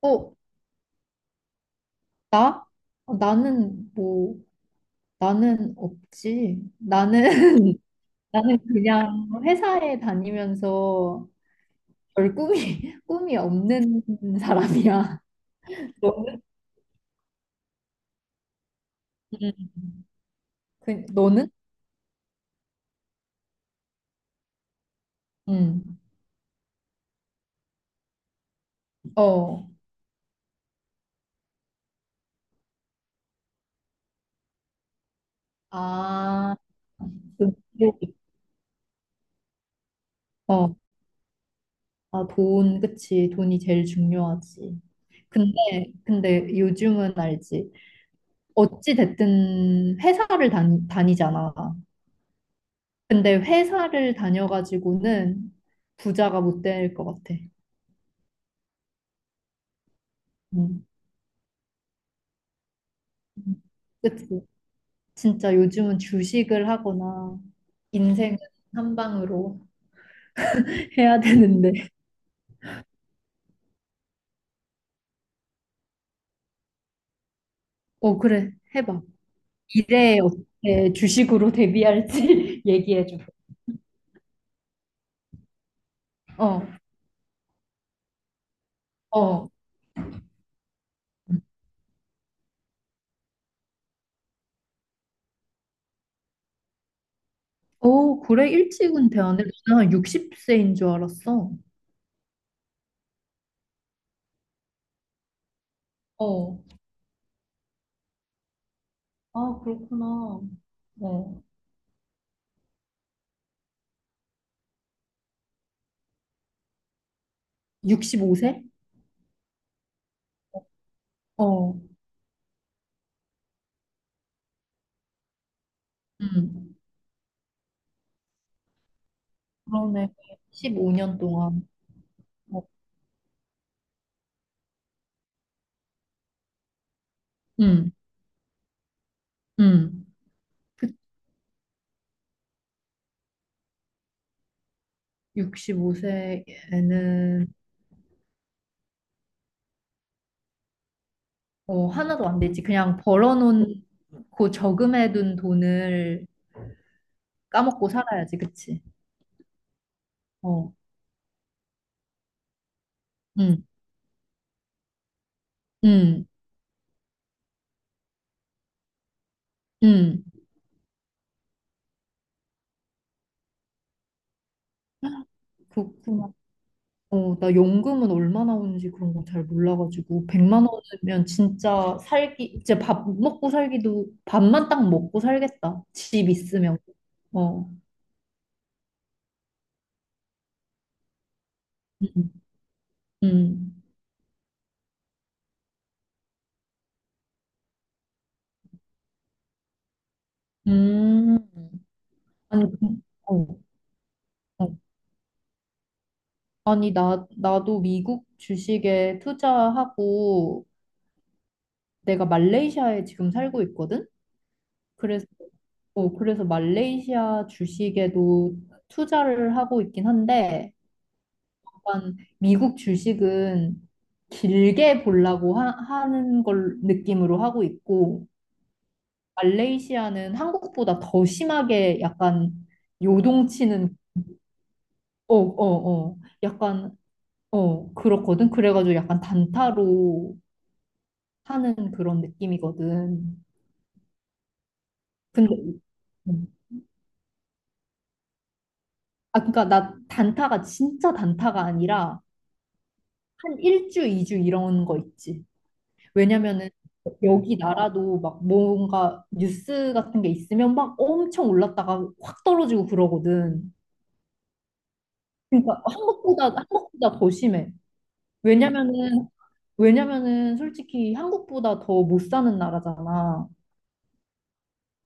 어, 나? 어, 나는 뭐, 나는 없지. 나는, 나는 그냥 회사에 다니면서 별 꿈이, 꿈이 없는 사람이야. 너는? 음. 그, 너는? 응. 어. 아, 그, 어. 아, 돈, 그치. 돈이 제일 중요하지. 근데 요즘은 알지. 어찌 됐든 회사를 다니잖아. 근데 회사를 다녀가지고는 부자가 못 될 것 같아. 음. 그치? 진짜 요즘은 주식을 하거나 인생은 한 방으로 해야 되는데. 어, 그래. 해봐. 미래에 어떻게 주식으로 대비할지 얘기해줘. 어, 어. 오, 그래. 일찍 은퇴하네. 나는 60세인 줄 알았어. 어. 아, 그렇구나. 어. 65세? 어. 음. 그러네. 15년 동안. 어, 음, 음. 그 65세에는 어, 하나도 안 되지. 그냥 벌어놓고 저금해둔 돈을 까먹고 살아야지, 그치? 어, 음, 음, 음. 그렇구나. 어, 나 연금은 얼마나 오는지 그런 거 잘 몰라가지고 100만 원이면 진짜 살기, 진짜 밥 먹고 살기도 밥만 딱 먹고 살겠다. 집 있으면. 어. 음. 음. 음. 아니, 그, 어. 어. 아니, 나도 미국 주식에 투자하고 내가 말레이시아에 지금 살고 있거든? 그래서, 어, 그래서 말레이시아 주식에도 투자를 하고 있긴 한데, 약간 미국 주식은 길게 보려고 하는 걸 느낌으로 하고 있고, 말레이시아는 한국보다 더 심하게 약간 요동치는, 어, 어, 어, 약간, 어, 그렇거든? 그래가지고 약간 단타로 하는 그런 느낌이거든. 근데 음. 아 그러니까 나 단타가 진짜 단타가 아니라 한 1주, 2주 이런 거 있지. 왜냐면은 여기 나라도 막 뭔가 뉴스 같은 게 있으면 막 엄청 올랐다가 확 떨어지고 그러거든. 그러니까 한국보다 더 심해. 왜냐면은 왜냐면은 솔직히 한국보다 더 못 사는 나라잖아.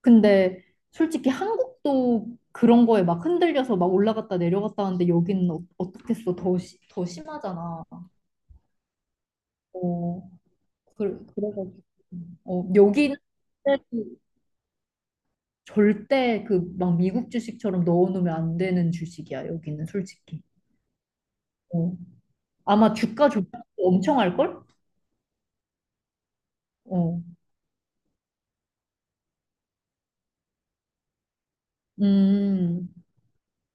근데 솔직히 한국도 그런 거에 막 흔들려서 막 올라갔다 내려갔다 하는데 여기는 어, 어떻겠어? 더, 시, 더 심하잖아. 어, 그, 그래가지고. 어, 여기는 절대 그 막 미국 주식처럼 넣어놓으면 안 되는 주식이야, 여기는 솔직히. 어. 아마 주가 조작 엄청 할걸? 어. 음,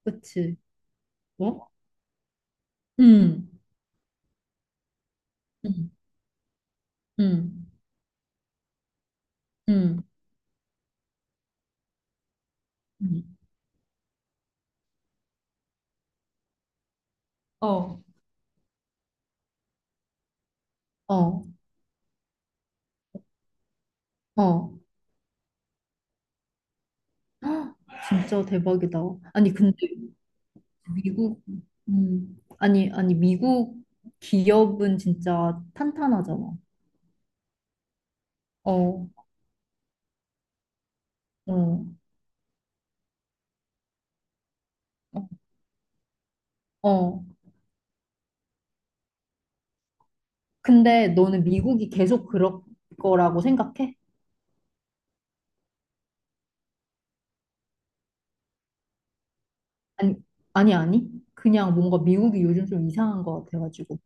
그치. 어? 음, 음, 음, 음, 음. 어, 어, 어. 헉, 진짜 대박이다. 아니, 근데 미국, 아니, 아니, 미국 기업은 진짜 탄탄하잖아. 어, 어, 어. 어. 근데 너는 미국이 계속 그럴 거라고 생각해? 아니, 아니, 아니. 그냥 뭔가 미국이 요즘 좀 이상한 것 같아가지고.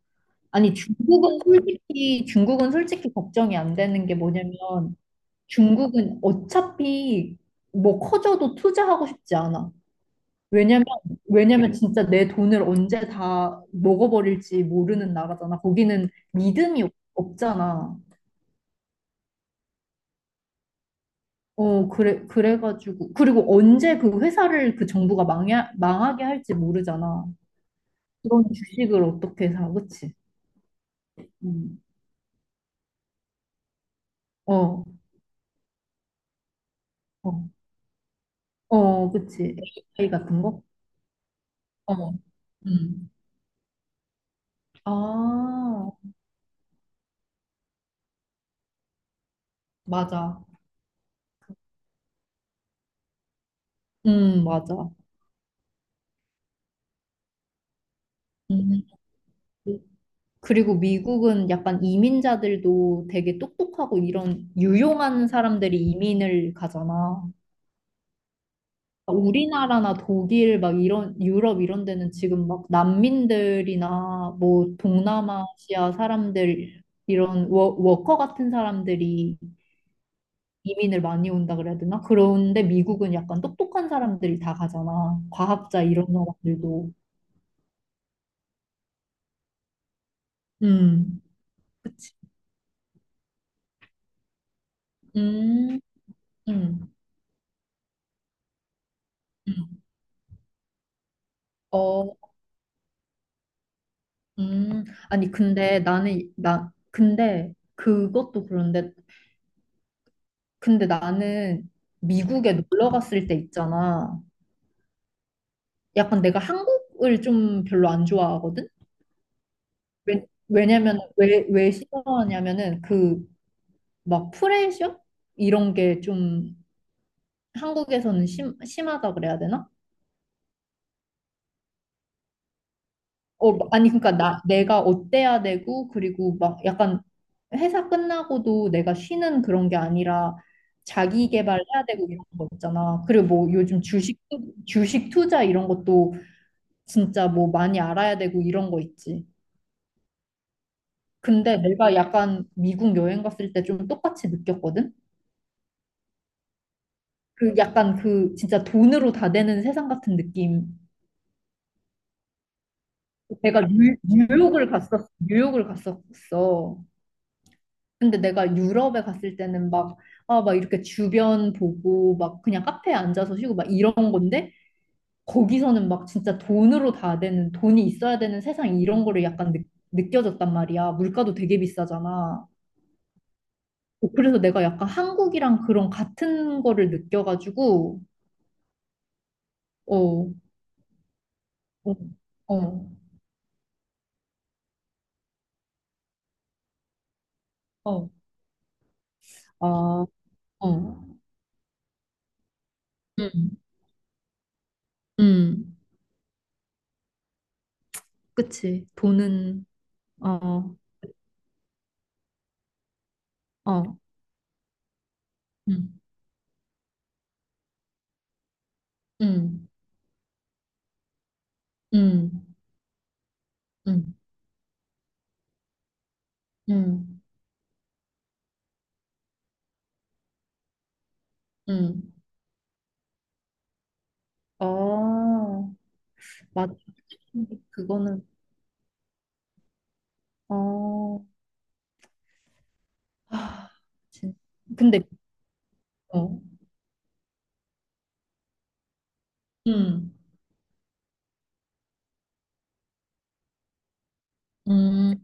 아니, 중국은 솔직히 걱정이 안 되는 게 뭐냐면, 중국은 어차피 뭐 커져도 투자하고 싶지 않아. 왜냐면, 왜냐면 진짜 내 돈을 언제 다 먹어버릴지 모르는 나라잖아. 거기는 믿음이 없잖아. 어, 그래, 그래가지고. 그리고 언제 그 회사를 그 정부가 망하게 할지 모르잖아. 그런 주식을 어떻게 사, 그치? 음. 어, 어, 어, 그치. AI 같은 거? 어, 음. 아, 맞아. 맞아. 음. 그리고 미국은 약간 이민자들도 되게 똑똑하고 이런 유용한 사람들이 이민을 가잖아. 우리나라나 독일 막 이런 유럽 이런 데는 지금 막 난민들이나 뭐 동남아시아 사람들 이런 워커 같은 사람들이 이민을 많이 온다 그래야 되나? 그런데 미국은 약간 똑똑한 사람들이 다 가잖아. 과학자 이런 사람들도. 음. 그치. 음. 음. 음. 어, 음, 아니, 근데 나는, 나, 근데 그것도 그런데, 근데 나는 미국에 놀러 갔을 때 있잖아. 약간 내가 한국을 좀 별로 안 좋아하거든? 왜 싫어하냐면은 그 막 프레셔? 이런 게 좀 한국에서는 심하다 그래야 되나? 어, 아니, 그러니까 나, 내가 어때야 되고, 그리고 막 약간 회사 끝나고도 내가 쉬는 그런 게 아니라 자기 개발해야 되고 이런 거 있잖아. 그리고 뭐 요즘 주식, 주식 투자 이런 것도 진짜 뭐 많이 알아야 되고 이런 거 있지. 근데 내가 약간 미국 여행 갔을 때 좀 똑같이 느꼈거든? 그 약간 그 진짜 돈으로 다 되는 세상 같은 느낌. 내가 뉴욕을 갔었어. 근데 내가 유럽에 갔을 때는 막, 아, 막 이렇게 주변 보고, 막 그냥 카페에 앉아서 쉬고, 막 이런 건데, 거기서는 막 진짜 돈으로 다 되는, 돈이 있어야 되는 세상 이런 거를 약간 느껴졌단 말이야. 물가도 되게 비싸잖아. 어, 그래서 내가 약간 한국이랑 그런 같은 거를 느껴가지고, 어, 어, 어, 어, 아, 어, 음, 음, 그치. 돈은, 어, 어, 음, 음, 음, 음, 음. 응. 아, 맞아. 그거는, 어, 아, 진 근데, 어, 응, 음,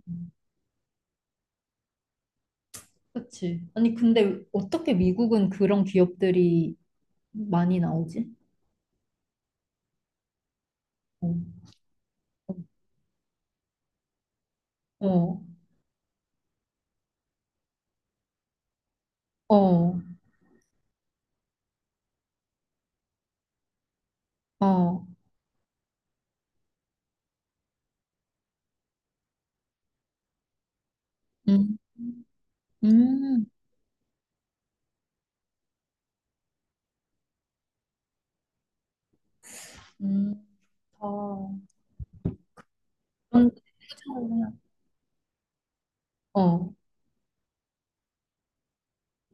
그치. 아니, 근데 어떻게 미국은 그런 기업들이 많이 나오지? 어, 어, 어, 어. 음, 음, 음, 아, 그런 어,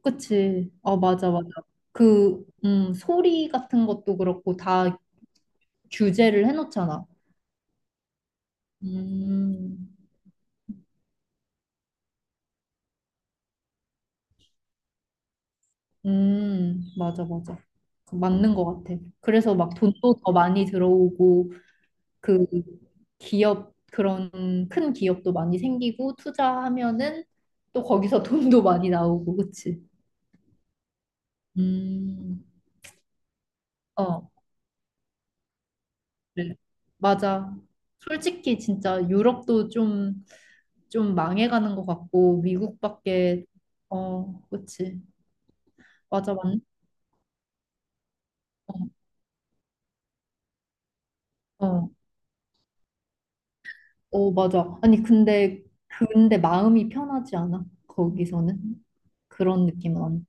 그치. 어, 맞아, 맞아. 그, 소리 같은 것도 그렇고 다 규제를 해놓잖아. 음, 맞아, 맞아. 그 맞는 것 같아. 그래서 막 돈도 더 많이 들어오고, 그 기업, 그런 큰 기업도 많이 생기고, 투자하면은 또 거기서 돈도 많이 나오고, 그치? 음, 어, 그래. 맞아. 솔직히 진짜 유럽도 좀, 좀 망해가는 것 같고, 미국밖에, 어, 그치. 맞아, 맞네. 어, 어. 어, 맞아. 아니, 근데 마음이 편하지 않아? 거기서는? 그런 느낌은 안.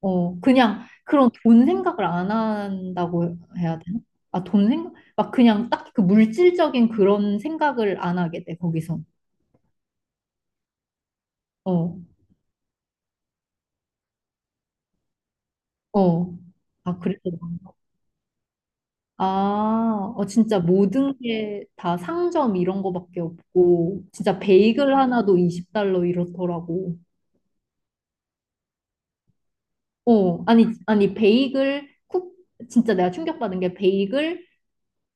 어, 그냥 그런 돈 생각을 안 한다고 해야 되나? 아, 돈 생각? 막 그냥 딱 그 물질적인 그런 생각을 안 하게 돼, 거기서. 어, 어. 아, 그래서. 그런가? 아, 어, 진짜 모든 게 다 상점 이런 거밖에 없고, 진짜 베이글 하나도 20달러 이렇더라고. 어, 아니, 아니, 베이글, 쿠, 진짜 내가 충격받은 게 베이글,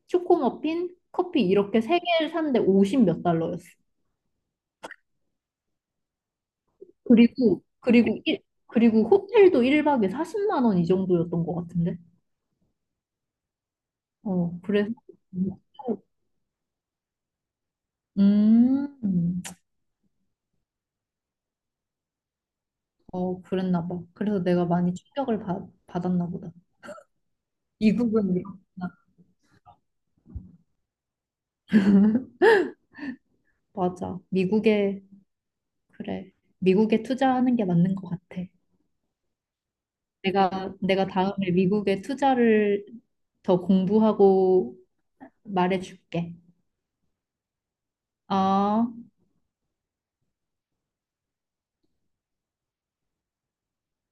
초코 머핀, 커피 이렇게 세 개를 샀는데 50 몇 달러였어. 그리고, 그리고, 일, 그리고 호텔도 1박에 40만 원 이 정도였던 것 같은데. 어, 그래서. 음, 어, 그랬나 봐. 그래서 내가 많이 충격을 받았나 보다. 미국은 이렇구나. 맞아. 미국에, 그래. 미국에 투자하는 게 맞는 것 같아. 내가 다음에 미국에 투자를 더 공부하고 말해줄게. 어.